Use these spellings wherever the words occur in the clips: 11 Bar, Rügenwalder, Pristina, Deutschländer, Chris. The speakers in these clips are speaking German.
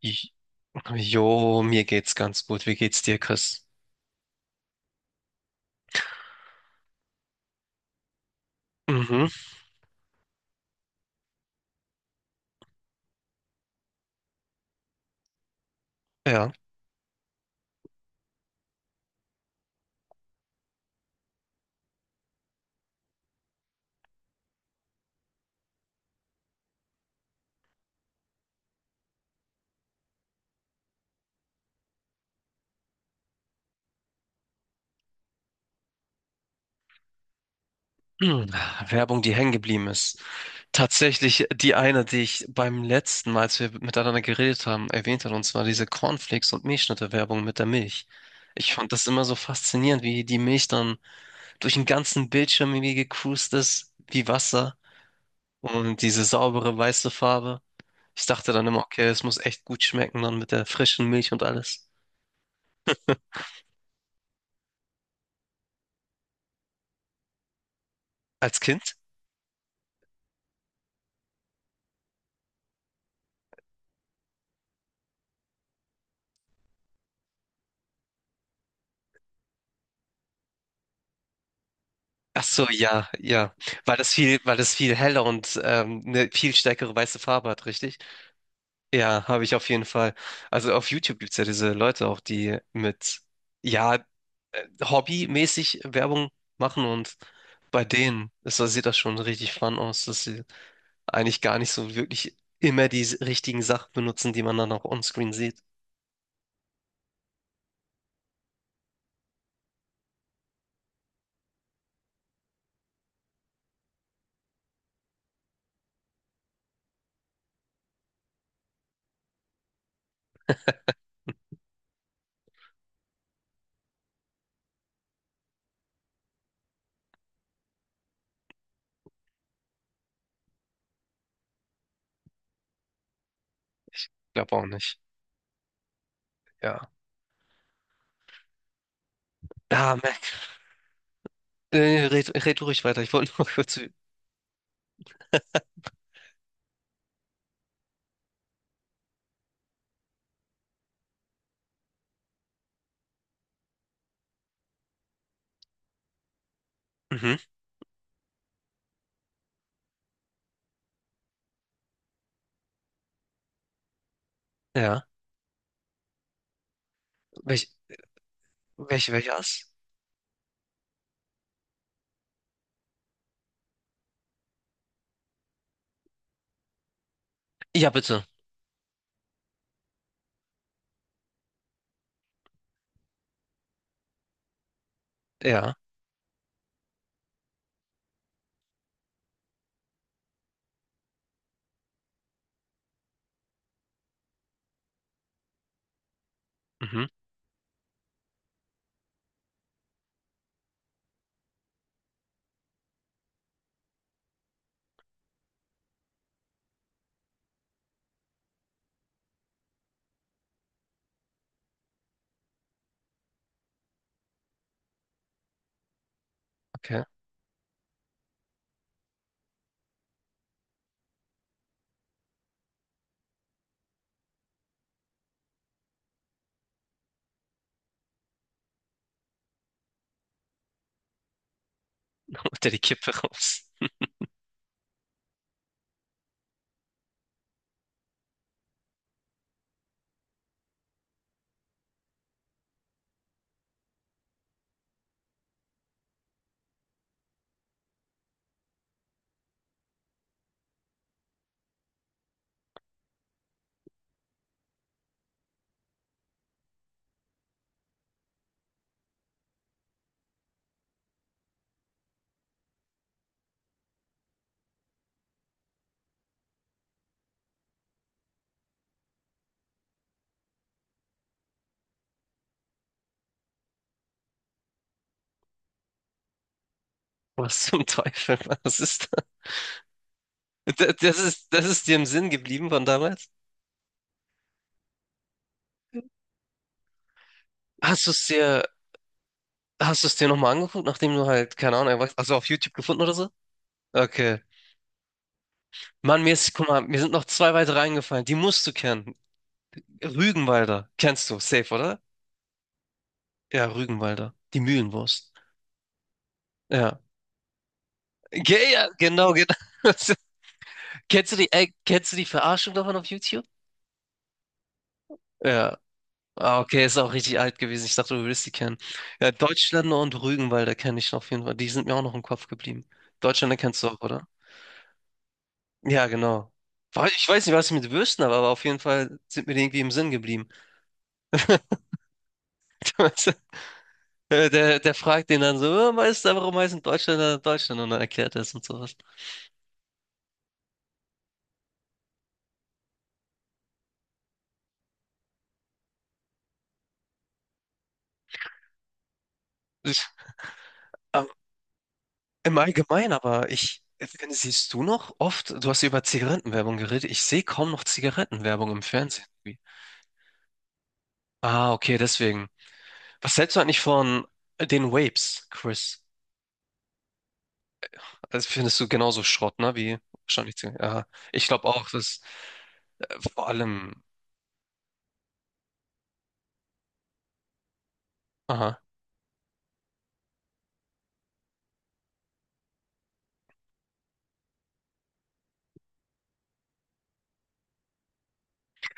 Ich, jo, mir geht's ganz gut. Wie geht's dir, Chris? Mhm, ja. Hm, Werbung, die hängen geblieben ist. Tatsächlich die eine, die ich beim letzten Mal, als wir miteinander geredet haben, erwähnt hat, und zwar diese Cornflakes und Milchschnitte-Werbung mit der Milch. Ich fand das immer so faszinierend, wie die Milch dann durch den ganzen Bildschirm irgendwie gecruised ist, wie Wasser und diese saubere weiße Farbe. Ich dachte dann immer, okay, es muss echt gut schmecken dann mit der frischen Milch und alles. Als Kind? Ach so, ja, ja. Weil das viel heller und eine viel stärkere weiße Farbe hat, richtig? Ja, habe ich auf jeden Fall. Also auf YouTube gibt's ja diese Leute auch, die mit, ja, hobbymäßig Werbung machen, und bei denen sieht das schon richtig fun aus, dass sie eigentlich gar nicht so wirklich immer die richtigen Sachen benutzen, die man dann auch onscreen sieht. Ich glaube auch nicht. Ja. Ah, Mac. Red du ruhig weiter. Ich wollte nur kurz. Mhm. Ja. Welch, welches? Ja, bitte. Ja. Mhm. Okay. Holt er die Kippe raus. Was zum Teufel? Was ist das? Das ist dir im Sinn geblieben von damals? Hast du es dir, hast du es dir nochmal angeguckt, nachdem du halt, keine Ahnung, erwachsen- also auf YouTube gefunden oder so? Okay. Mann, mir ist, guck mal, mir sind noch zwei weitere eingefallen. Die musst du kennen. Rügenwalder. Kennst du, safe, oder? Ja, Rügenwalder. Die Mühlenwurst. Ja. Genau, genau. Kennst du die, ey, kennst du die Verarschung davon auf YouTube? Ja. Ah, okay, ist auch richtig alt gewesen. Ich dachte, du würdest die kennen. Ja, Deutschländer und Rügenwalder kenne ich noch auf jeden Fall. Die sind mir auch noch im Kopf geblieben. Deutschländer kennst du auch, oder? Ja, genau. Ich weiß nicht, was ich mit Würsten habe, aber auf jeden Fall sind mir die irgendwie im Sinn geblieben. Der fragt den dann so, "Oh, Meister, warum heißen Deutschländer Deutschland? Und dann erklärt er es und sowas. Ich, ähm, im Allgemeinen, aber finde, siehst du noch oft, du hast ja über Zigarettenwerbung geredet, ich sehe kaum noch Zigarettenwerbung im Fernsehen. Ah, okay, deswegen. Was hältst du eigentlich von den Vapes, Chris? Also findest du genauso Schrott, ne? Wie wahrscheinlich. Zig- Aha. Ich glaube auch, dass vor allem. Aha.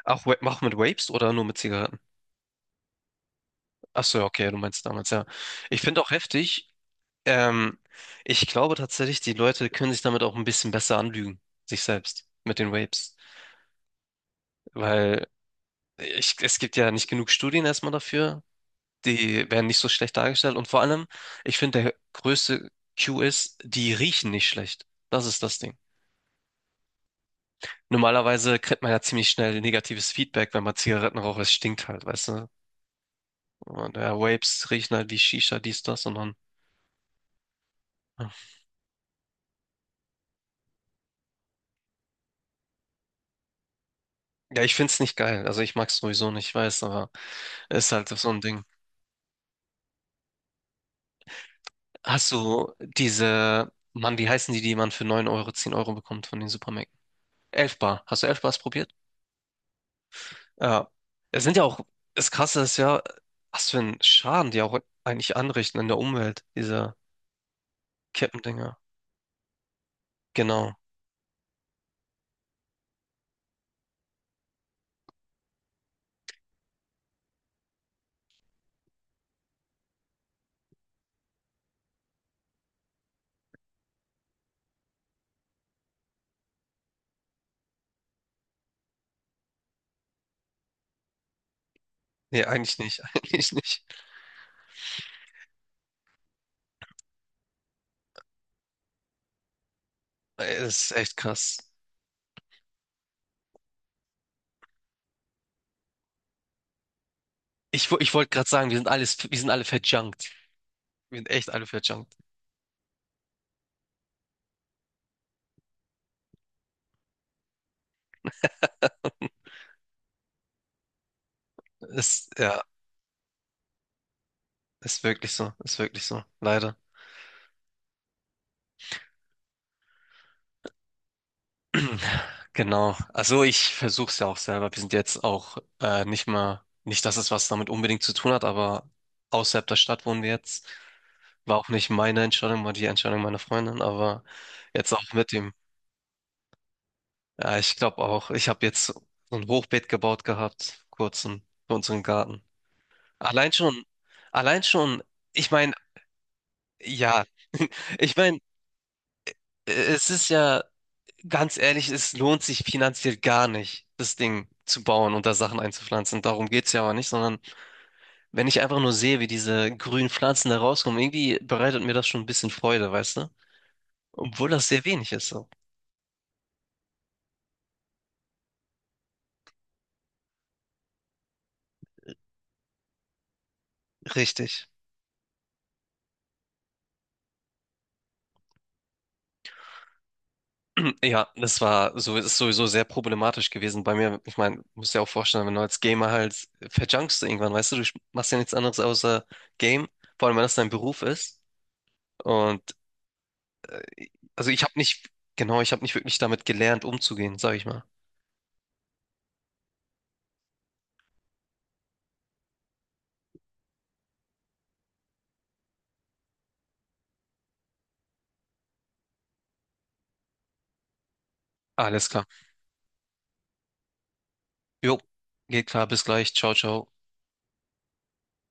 Auch, auch mit Vapes oder nur mit Zigaretten? Ach so, ja, okay, du meinst damals, ja. Ich finde auch heftig. Ähm, ich glaube tatsächlich, die Leute können sich damit auch ein bisschen besser anlügen, sich selbst, mit den Vapes. Weil es gibt ja nicht genug Studien erstmal dafür. Die werden nicht so schlecht dargestellt. Und vor allem, ich finde, der größte Cue ist, die riechen nicht schlecht. Das ist das Ding. Normalerweise kriegt man ja ziemlich schnell negatives Feedback, wenn man Zigaretten raucht. Es stinkt halt, weißt du? Und ja, Vapes riechen halt wie Shisha, dies, das und dann. Ja, ja, ich find's nicht geil. Also ich mag's sowieso nicht, ich weiß, aber ist halt so ein Ding. Hast du diese, Mann, wie heißen die, die man für 9 Euro, 10 Euro bekommt von den Supermärkten? 11 Bar. Hast du 11 Bars probiert? Ja. Es sind ja auch, das Krasse ist ja, was für einen Schaden die auch eigentlich anrichten in der Umwelt, diese Kippendinger. Genau. Nee, eigentlich nicht. Eigentlich nicht. Ey, das ist echt krass. Ich wollte gerade sagen, wir sind alle verjunkt. Wir sind echt alle verjunkt. Ist, ja, ist wirklich so. Ist wirklich so. Leider. Genau. Also ich versuche es ja auch selber. Wir sind jetzt auch nicht mal, nicht, dass es was damit unbedingt zu tun hat, aber außerhalb der Stadt wohnen wir jetzt. War auch nicht meine Entscheidung, war die Entscheidung meiner Freundin, aber jetzt auch mit dem, ja, ich glaube auch, ich habe jetzt so ein Hochbeet gebaut gehabt, kurz in, für unseren Garten. Allein schon, allein schon, ich meine, ja, ich meine, es ist ja, ganz ehrlich, es lohnt sich finanziell gar nicht, das Ding zu bauen und da Sachen einzupflanzen. Darum geht's ja aber nicht, sondern wenn ich einfach nur sehe, wie diese grünen Pflanzen da rauskommen, irgendwie bereitet mir das schon ein bisschen Freude, weißt du? Obwohl das sehr wenig ist, so. Richtig. Ja, das war so, ist sowieso sehr problematisch gewesen bei mir. Ich meine, musst dir auch vorstellen, wenn du als Gamer halt verjunkst du irgendwann, weißt du, du machst ja nichts anderes außer Game, vor allem wenn das dein Beruf ist. Und also ich habe nicht, genau, ich habe nicht wirklich damit gelernt, umzugehen, sag ich mal. Alles klar. Jo, geht klar, bis gleich. Ciao, ciao.